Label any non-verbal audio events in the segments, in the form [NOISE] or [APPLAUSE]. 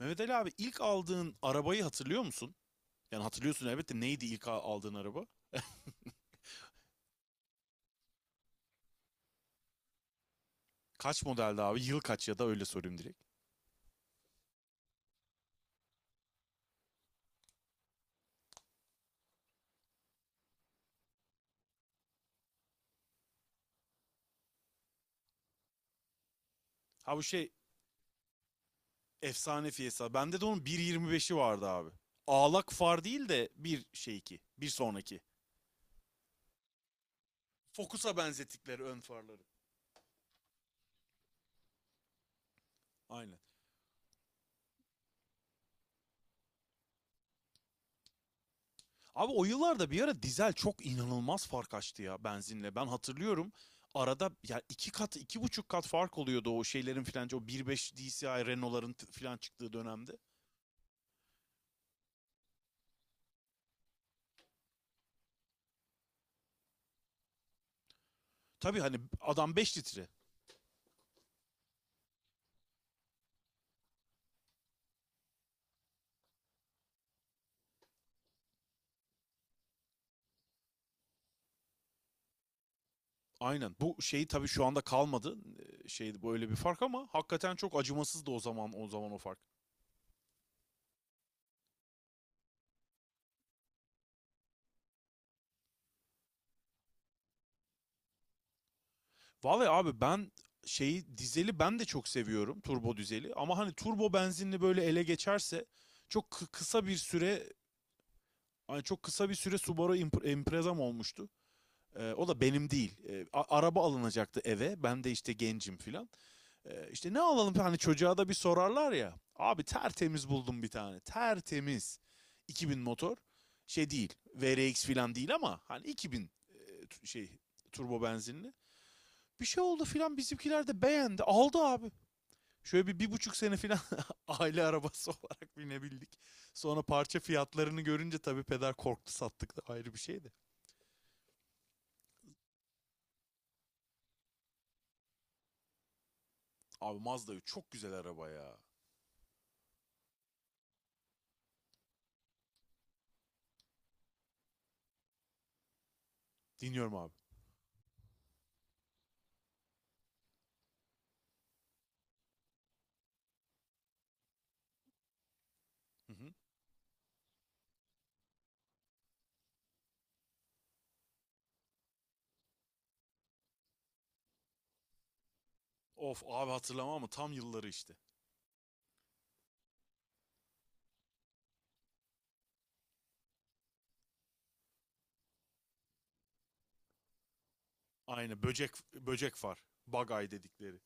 Mehmet Ali abi, ilk aldığın arabayı hatırlıyor musun? Yani hatırlıyorsun elbette, neydi ilk aldığın araba? [LAUGHS] Kaç modeldi abi? Yıl kaç, ya da öyle sorayım direkt. Ha, bu şey, efsane Fiesta. Bende de onun 1.25'i vardı abi. Ağlak far değil de bir şey iki. Bir sonraki. Focus'a benzettikleri ön farları. Aynen. Abi, o yıllarda bir ara dizel çok inanılmaz fark açtı ya benzinle. Ben hatırlıyorum arada ya iki kat, iki buçuk kat fark oluyordu o şeylerin filan, o 1.5 DCI Renault'ların filan çıktığı dönemde. Tabii, hani adam 5 litre. Aynen. Bu şeyi tabii şu anda kalmadı. Şey böyle bir fark, ama hakikaten çok acımasızdı o zaman o fark. Vallahi abi, ben şeyi, dizeli ben de çok seviyorum, turbo dizeli, ama hani turbo benzinli böyle ele geçerse çok kısa bir süre, hani çok kısa bir süre Subaru Impreza'm olmuştu. O da benim değil. Araba alınacaktı eve. Ben de işte gencim filan. İşte ne alalım, hani çocuğa da bir sorarlar ya. Abi, tertemiz buldum bir tane. Tertemiz. 2000 motor. Şey değil. VRX falan değil, ama hani 2000 şey, turbo benzinli. Bir şey oldu filan, bizimkiler de beğendi. Aldı abi. Şöyle bir, bir buçuk sene filan [LAUGHS] aile arabası olarak binebildik. Sonra parça fiyatlarını görünce tabii peder korktu, sattık, da ayrı bir şeydi. Abi, Mazda 3 çok güzel araba ya. Dinliyorum abi. Hı hı. Of abi, hatırlamam ama tam yılları işte. Aynı, böcek böcek var. Bagay dedikleri.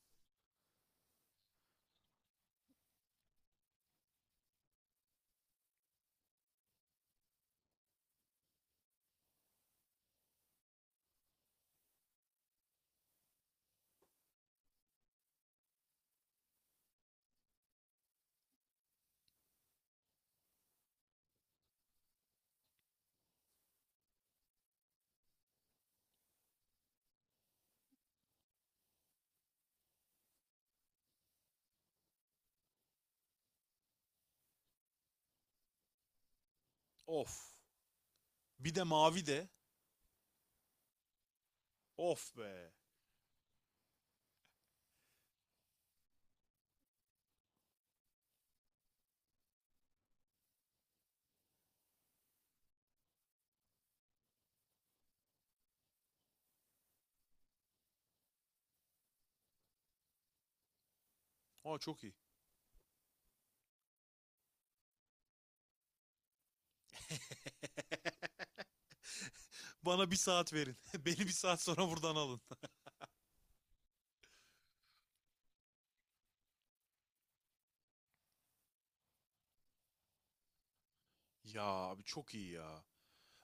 Of. Bir de mavi de. Of be. Aa, çok iyi. [LAUGHS] Bana bir saat verin. [LAUGHS] Beni bir saat sonra buradan alın. [LAUGHS] Ya abi, çok iyi ya.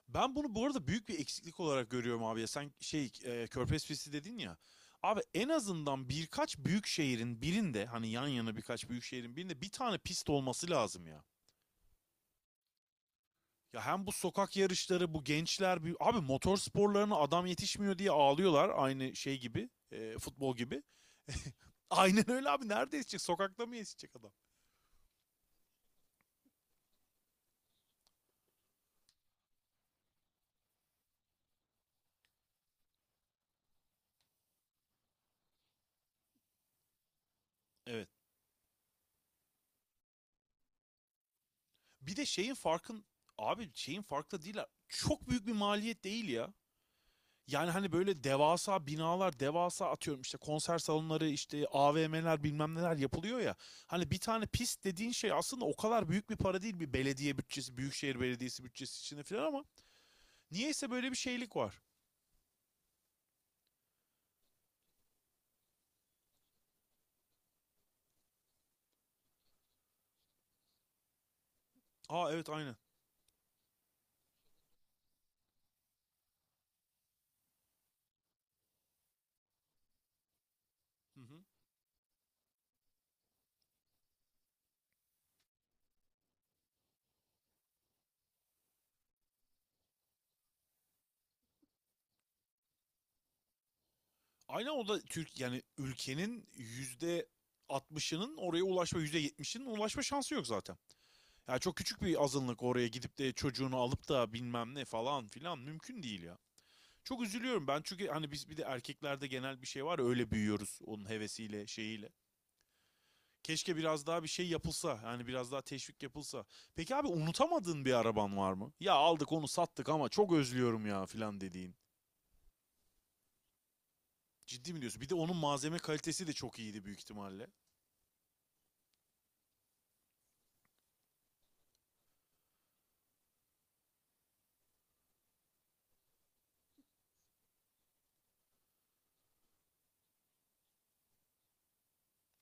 Ben bunu bu arada büyük bir eksiklik olarak görüyorum abi ya. Sen şey, Körfez Pisti dedin ya. Abi, en azından birkaç büyük şehrin birinde, hani yan yana, birkaç büyük şehrin birinde bir tane pist olması lazım ya. Ya, hem bu sokak yarışları, bu gençler, abi motor sporlarına adam yetişmiyor diye ağlıyorlar, aynı şey gibi, futbol gibi. [LAUGHS] Aynen öyle abi, nerede yetişecek, sokakta mı yetişecek adam? Evet. Bir de şeyin farkın abi şeyin farklı değil. Çok büyük bir maliyet değil ya. Yani hani böyle devasa binalar, devasa, atıyorum işte konser salonları, işte AVM'ler, bilmem neler yapılıyor ya. Hani bir tane pist dediğin şey aslında o kadar büyük bir para değil, bir belediye bütçesi, büyükşehir belediyesi bütçesi içinde falan ama niyeyse böyle bir şeylik var. Aa, evet, aynen. Hı hı. Aynen, o da Türk, yani ülkenin yüzde 60'ının oraya ulaşma, yüzde 70'inin ulaşma şansı yok zaten. Ya, çok küçük bir azınlık oraya gidip de çocuğunu alıp da bilmem ne falan filan, mümkün değil ya. Çok üzülüyorum ben, çünkü hani biz bir de erkeklerde genel bir şey var ya, öyle büyüyoruz, onun hevesiyle, şeyiyle. Keşke biraz daha bir şey yapılsa, yani biraz daha teşvik yapılsa. Peki abi, unutamadığın bir araban var mı? Ya, aldık onu, sattık ama çok özlüyorum ya filan dediğin. Ciddi mi diyorsun? Bir de onun malzeme kalitesi de çok iyiydi büyük ihtimalle.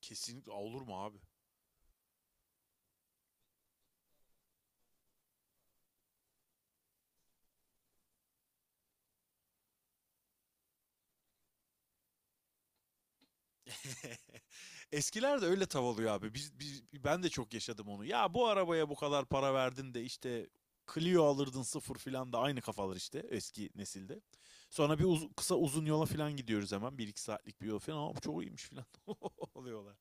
Kesinlikle, olur mu abi? [LAUGHS] Eskiler de öyle tav oluyor abi. Ben de çok yaşadım onu. Ya, bu arabaya bu kadar para verdin de işte Clio alırdın sıfır filan, da aynı kafalar işte eski nesilde. Sonra bir kısa uzun yola filan gidiyoruz hemen. Bir iki saatlik bir yol filan. Ama çok iyiymiş filan [LAUGHS] oluyorlar.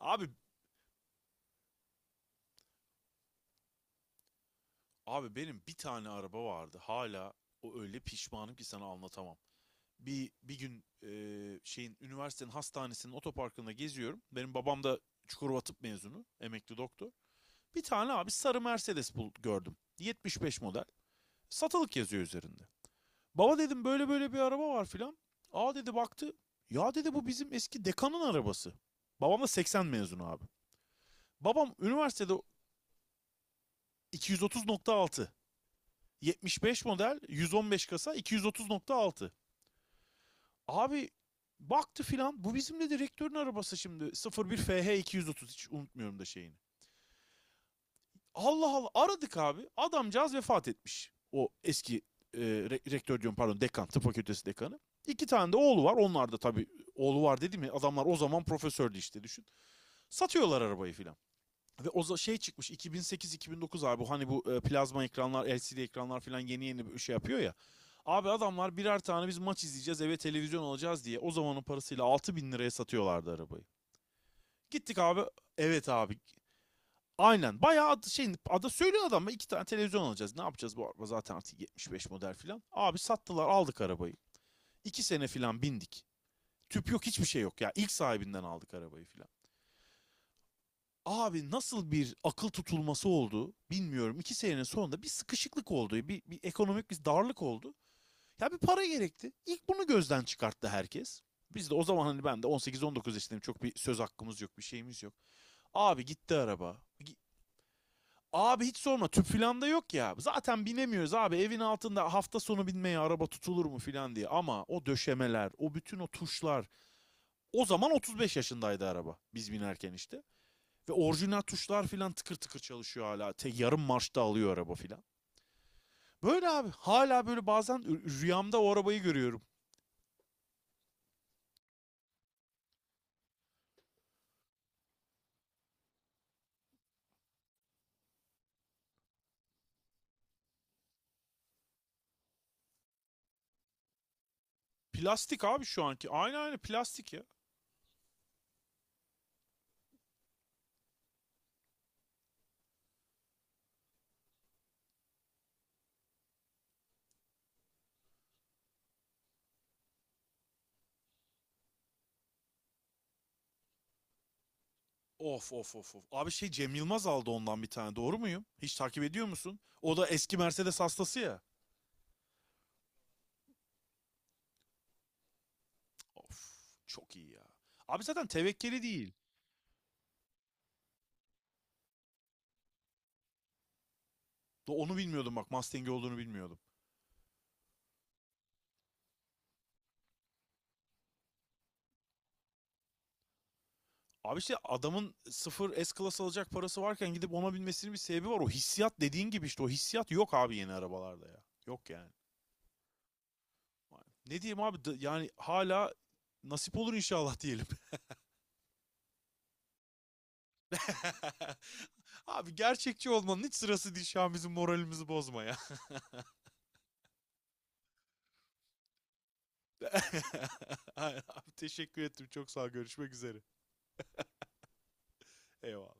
Abi abi benim bir tane araba vardı. Hala o öyle pişmanım ki sana anlatamam. Bir gün, şeyin, üniversitenin hastanesinin otoparkında geziyorum. Benim babam da Çukurova Tıp mezunu, emekli doktor. Bir tane abi, sarı Mercedes bul gördüm. 75 model. Satılık yazıyor üzerinde. Baba dedim, böyle böyle bir araba var filan. Aa dedi, baktı. Ya dedi, bu bizim eski dekanın arabası. Babam da 80 mezunu abi. Babam üniversitede 230.6. 75 model, 115 kasa 230.6. Abi, baktı filan, bu bizim de direktörün arabası. Şimdi, 01 FH 230, hiç unutmuyorum da şeyini. Allah Allah, aradık abi. Adamcağız vefat etmiş. O eski e, rektör, diyorum pardon, dekan, tıp fakültesi dekanı. İki tane de oğlu var. Onlar da tabii, oğlu var dedi mi adamlar, o zaman profesördü işte, düşün. Satıyorlar arabayı filan. Ve o şey çıkmış, 2008-2009, abi hani bu plazma ekranlar, LCD ekranlar filan yeni yeni bir şey yapıyor ya. Abi, adamlar birer tane biz maç izleyeceğiz, eve televizyon alacağız diye, o zamanın parasıyla 6 bin liraya satıyorlardı arabayı. Gittik abi, evet abi, aynen. Bayağı şey, ada söylüyor, adama iki tane televizyon alacağız, ne yapacağız bu araba, zaten artık 75 model falan. Abi, sattılar, aldık arabayı. İki sene falan bindik. Tüp yok, hiçbir şey yok ya. İlk sahibinden aldık arabayı falan. Abi, nasıl bir akıl tutulması oldu bilmiyorum. İki senenin sonunda bir sıkışıklık oldu. Bir ekonomik bir darlık oldu. Ya, bir para gerekti. İlk bunu gözden çıkarttı herkes. Biz de o zaman hani, ben de 18-19 yaşındayım. Çok bir söz hakkımız yok, bir şeyimiz yok. Abi, gitti araba. Abi, hiç sorma, tüp filan da yok ya. Zaten binemiyoruz abi, evin altında hafta sonu binmeye araba tutulur mu filan diye. Ama o döşemeler, o bütün o tuşlar. O zaman 35 yaşındaydı araba biz binerken işte. Ve orijinal tuşlar filan tıkır tıkır çalışıyor hala. Te yarım marşta alıyor araba filan. Böyle abi, hala böyle bazen rüyamda o arabayı görüyorum. Plastik abi şu anki. Aynı plastik ya. Of of of of. Abi şey, Cem Yılmaz aldı ondan bir tane. Doğru muyum? Hiç takip ediyor musun? O da eski Mercedes hastası ya. Of, çok iyi ya. Abi, zaten tevekkeli değil. Onu bilmiyordum bak, Mustang'i olduğunu bilmiyordum. Abi, işte adamın sıfır S-Class alacak parası varken gidip ona binmesinin bir sebebi var. O hissiyat, dediğin gibi işte, o hissiyat yok abi yeni arabalarda ya. Yok yani. Ne diyeyim abi, yani hala nasip olur inşallah diyelim. [LAUGHS] Abi, gerçekçi olmanın hiç sırası değil şu an, bizim moralimizi bozma ya. [LAUGHS] Aynen abi, teşekkür ettim. Çok sağ ol. Görüşmek üzere. Eyvallah.